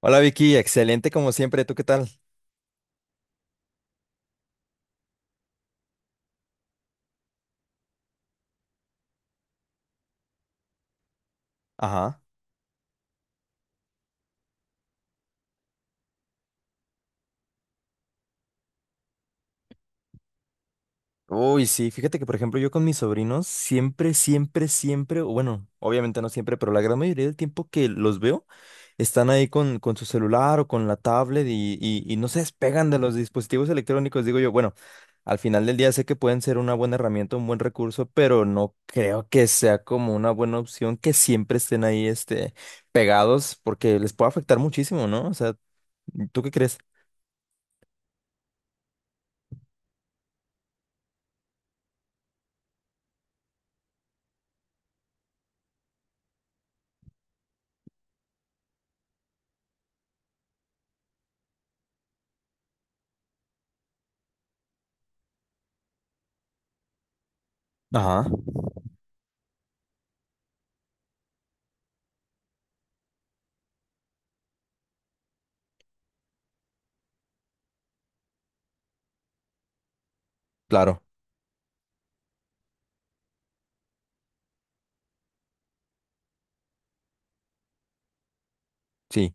Hola Vicky, excelente como siempre, ¿tú qué tal? Ajá. Uy, sí, fíjate que por ejemplo yo con mis sobrinos siempre, o bueno, obviamente no siempre, pero la gran mayoría del tiempo que los veo están ahí con su celular o con la tablet y no se despegan de los dispositivos electrónicos, digo yo, bueno, al final del día sé que pueden ser una buena herramienta, un buen recurso, pero no creo que sea como una buena opción que siempre estén ahí, este, pegados porque les puede afectar muchísimo, ¿no? O sea, ¿tú qué crees? Ajá, claro. Sí,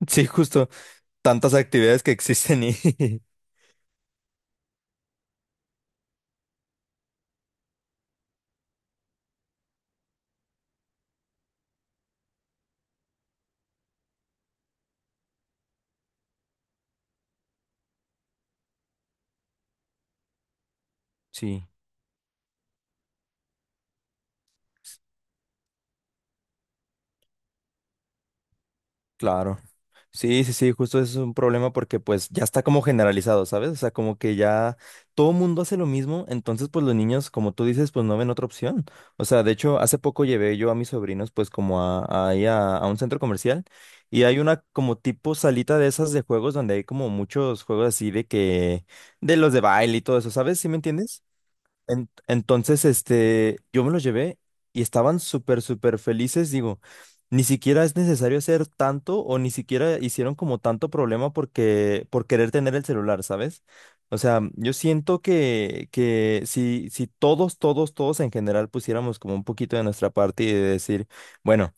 sí, justo tantas actividades que existen y sí, claro. Sí, justo eso es un problema porque pues ya está como generalizado, ¿sabes? O sea, como que ya todo mundo hace lo mismo, entonces pues los niños, como tú dices, pues no ven otra opción. O sea, de hecho, hace poco llevé yo a mis sobrinos pues como a, ahí a un centro comercial y hay una como tipo salita de esas de juegos donde hay como muchos juegos así de que, de los de baile y todo eso, ¿sabes? ¿Sí me entiendes? Entonces, este, yo me los llevé y estaban súper felices. Digo, ni siquiera es necesario hacer tanto o ni siquiera hicieron como tanto problema porque, por querer tener el celular, ¿sabes? O sea, yo siento que si todos en general pusiéramos como un poquito de nuestra parte y de decir, bueno,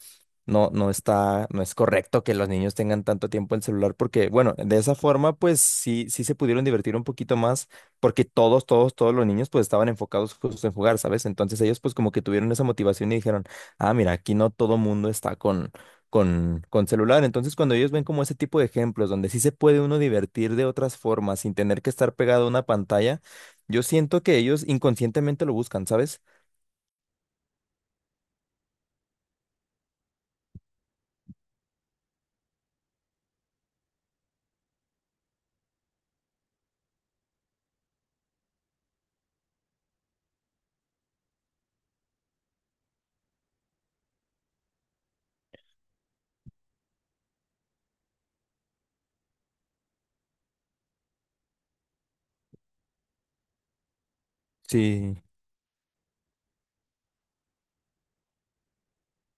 no está, no es correcto que los niños tengan tanto tiempo el celular porque, bueno, de esa forma, pues sí, sí se pudieron divertir un poquito más porque todos los niños pues estaban enfocados justo en jugar, ¿sabes? Entonces ellos pues como que tuvieron esa motivación y dijeron, ah, mira, aquí no todo mundo está con, con celular. Entonces cuando ellos ven como ese tipo de ejemplos donde sí se puede uno divertir de otras formas sin tener que estar pegado a una pantalla, yo siento que ellos inconscientemente lo buscan, ¿sabes? Sí.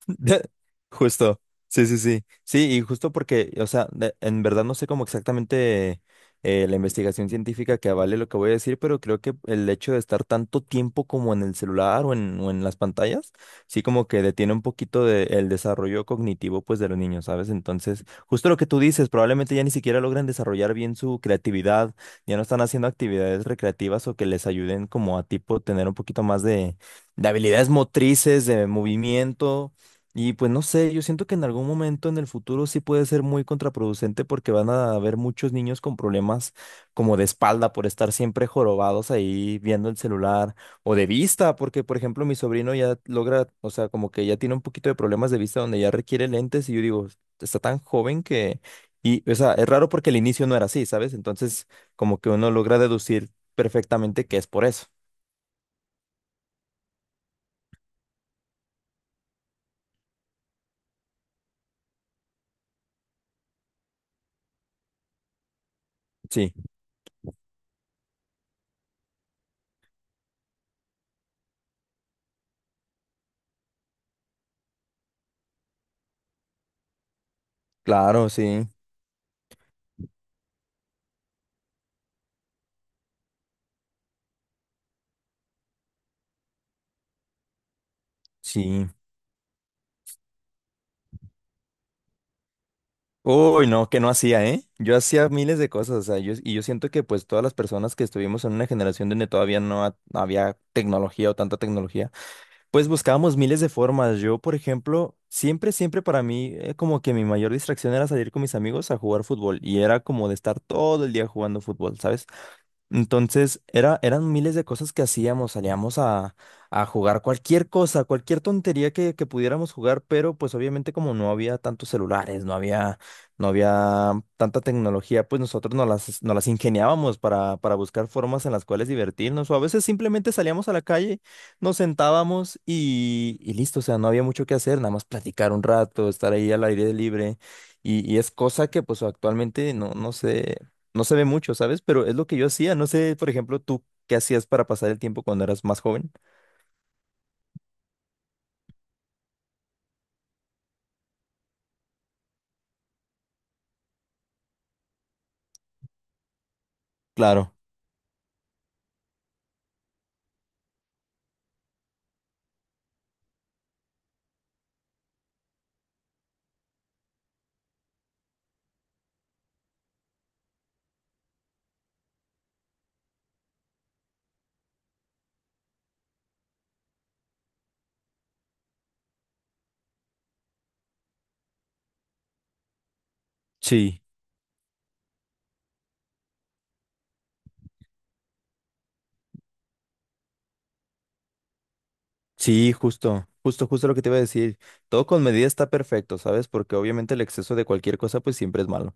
Justo, sí. Sí, y justo porque, o sea, de- en verdad no sé cómo exactamente la investigación científica que avale lo que voy a decir, pero creo que el hecho de estar tanto tiempo como en el celular o en las pantallas, sí como que detiene un poquito de, el desarrollo cognitivo pues de los niños, ¿sabes? Entonces, justo lo que tú dices, probablemente ya ni siquiera logran desarrollar bien su creatividad, ya no están haciendo actividades recreativas o que les ayuden como a tipo tener un poquito más de habilidades motrices, de movimiento. Y pues no sé, yo siento que en algún momento en el futuro sí puede ser muy contraproducente porque van a haber muchos niños con problemas como de espalda por estar siempre jorobados ahí viendo el celular o de vista, porque por ejemplo mi sobrino ya logra, o sea, como que ya tiene un poquito de problemas de vista donde ya requiere lentes y yo digo, está tan joven que, y o sea, es raro porque el inicio no era así, ¿sabes? Entonces como que uno logra deducir perfectamente que es por eso. Sí, claro, sí, sí. Uy, no, que no hacía, ¿eh? Yo hacía miles de cosas, o sea, yo, y yo siento que pues todas las personas que estuvimos en una generación donde todavía no había tecnología o tanta tecnología, pues buscábamos miles de formas. Yo, por ejemplo, siempre para mí, como que mi mayor distracción era salir con mis amigos a jugar fútbol y era como de estar todo el día jugando fútbol, ¿sabes? Entonces, era, eran miles de cosas que hacíamos, salíamos a jugar cualquier cosa, cualquier tontería que pudiéramos jugar, pero pues obviamente como no había tantos celulares, no había, no había tanta tecnología, pues nosotros nos las ingeniábamos para buscar formas en las cuales divertirnos, o a veces simplemente salíamos a la calle, nos sentábamos y listo, o sea, no había mucho que hacer, nada más platicar un rato, estar ahí al aire libre. Y es cosa que pues actualmente no, no sé, no se ve mucho, ¿sabes? Pero es lo que yo hacía. No sé, por ejemplo, tú qué hacías para pasar el tiempo cuando eras más joven. Claro, sí, sí, justo, justo lo que te iba a decir. Todo con medida está perfecto, ¿sabes? Porque obviamente el exceso de cualquier cosa pues siempre es malo.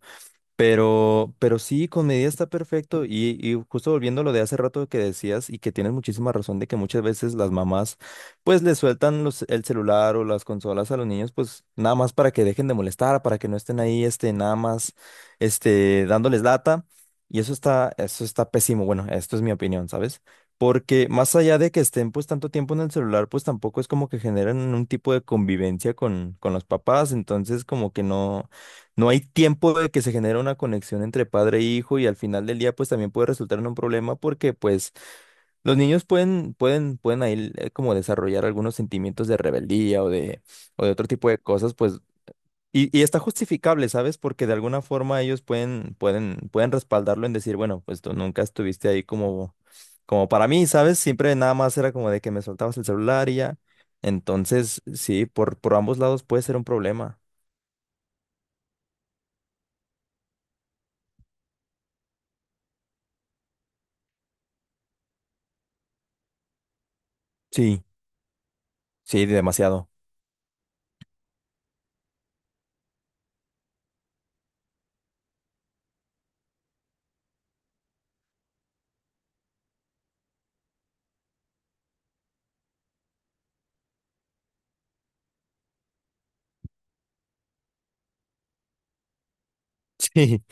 Pero sí, con medida está perfecto. Y justo volviendo a lo de hace rato que decías y que tienes muchísima razón de que muchas veces las mamás pues le sueltan los, el celular o las consolas a los niños pues nada más para que dejen de molestar, para que no estén ahí este, nada más este, dándoles lata. Y eso está pésimo. Bueno, esto es mi opinión, ¿sabes? Porque más allá de que estén pues tanto tiempo en el celular, pues tampoco es como que generan un tipo de convivencia con los papás. Entonces como que no. No hay tiempo de que se genere una conexión entre padre e hijo y al final del día pues también puede resultar en un problema porque pues los niños pueden ahí como desarrollar algunos sentimientos de rebeldía o de otro tipo de cosas pues y está justificable, ¿sabes? Porque de alguna forma ellos pueden respaldarlo en decir, bueno, pues tú nunca estuviste ahí como como para mí, ¿sabes? Siempre nada más era como de que me soltabas el celular y ya. Entonces, sí, por ambos lados puede ser un problema. Sí, sí, demasiado. sí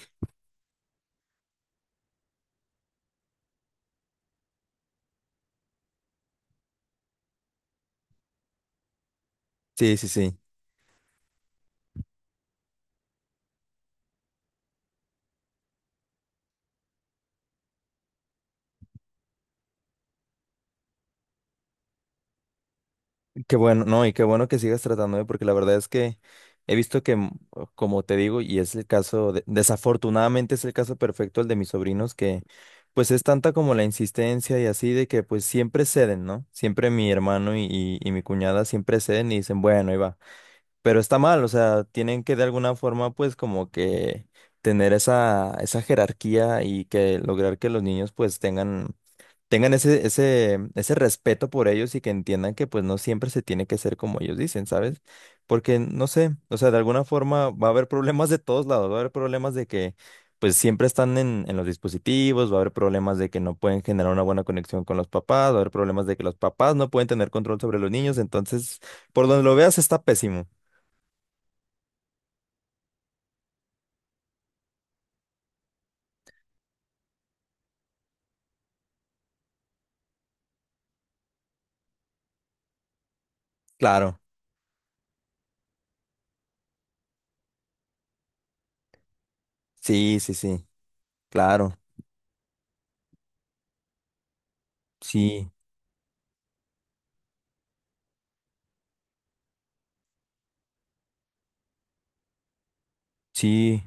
Sí, sí, sí. Qué bueno, no, y qué bueno que sigas tratándome, porque la verdad es que he visto que, mm, como te digo, y es el caso, de- desafortunadamente es el caso perfecto el de mis sobrinos, que pues es tanta como la insistencia y así de que pues siempre ceden, ¿no? Siempre mi hermano y mi cuñada siempre ceden y dicen, bueno, iba. Pero está mal, o sea, tienen que de alguna forma pues como que tener esa, esa jerarquía y que lograr que los niños pues tengan, tengan ese, ese, ese respeto por ellos y que entiendan que pues no siempre se tiene que ser como ellos dicen, ¿sabes? Porque no sé, o sea, de alguna forma va a haber problemas de todos lados, va a haber problemas de que pues siempre están en los dispositivos, va a haber problemas de que no pueden generar una buena conexión con los papás, va a haber problemas de que los papás no pueden tener control sobre los niños, entonces, por donde lo veas está pésimo. Claro, sí, sí, sí, claro, sí, sí,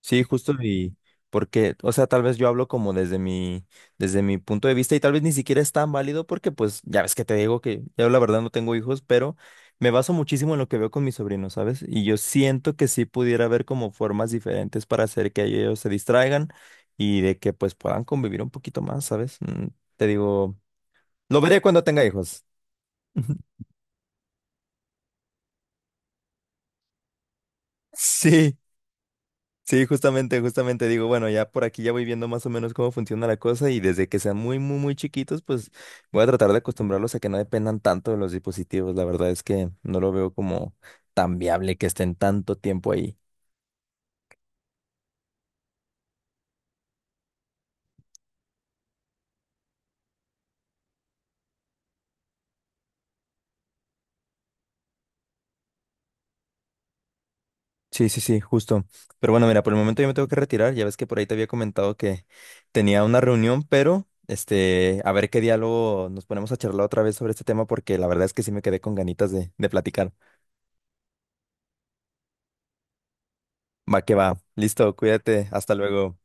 sí, justo y porque, o sea, tal vez yo hablo como desde mi punto de vista y tal vez ni siquiera es tan válido porque pues ya ves que te digo que yo la verdad no tengo hijos, pero me baso muchísimo en lo que veo con mis sobrinos, ¿sabes? Y yo siento que sí pudiera haber como formas diferentes para hacer que ellos se distraigan y de que pues puedan convivir un poquito más, ¿sabes? Mm, te digo, lo veré cuando tenga hijos. Sí. Sí, justamente, justamente digo, bueno, ya por aquí ya voy viendo más o menos cómo funciona la cosa y desde que sean muy chiquitos, pues voy a tratar de acostumbrarlos a que no dependan tanto de los dispositivos. La verdad es que no lo veo como tan viable que estén tanto tiempo ahí. Sí, sí, sí, justo. Pero bueno, mira, por el momento yo me tengo que retirar. Ya ves que por ahí te había comentado que tenía una reunión, pero este, a ver qué diálogo nos ponemos a charlar otra vez sobre este tema porque la verdad es que sí me quedé con ganitas de platicar. Va que va. Listo, cuídate. Hasta luego.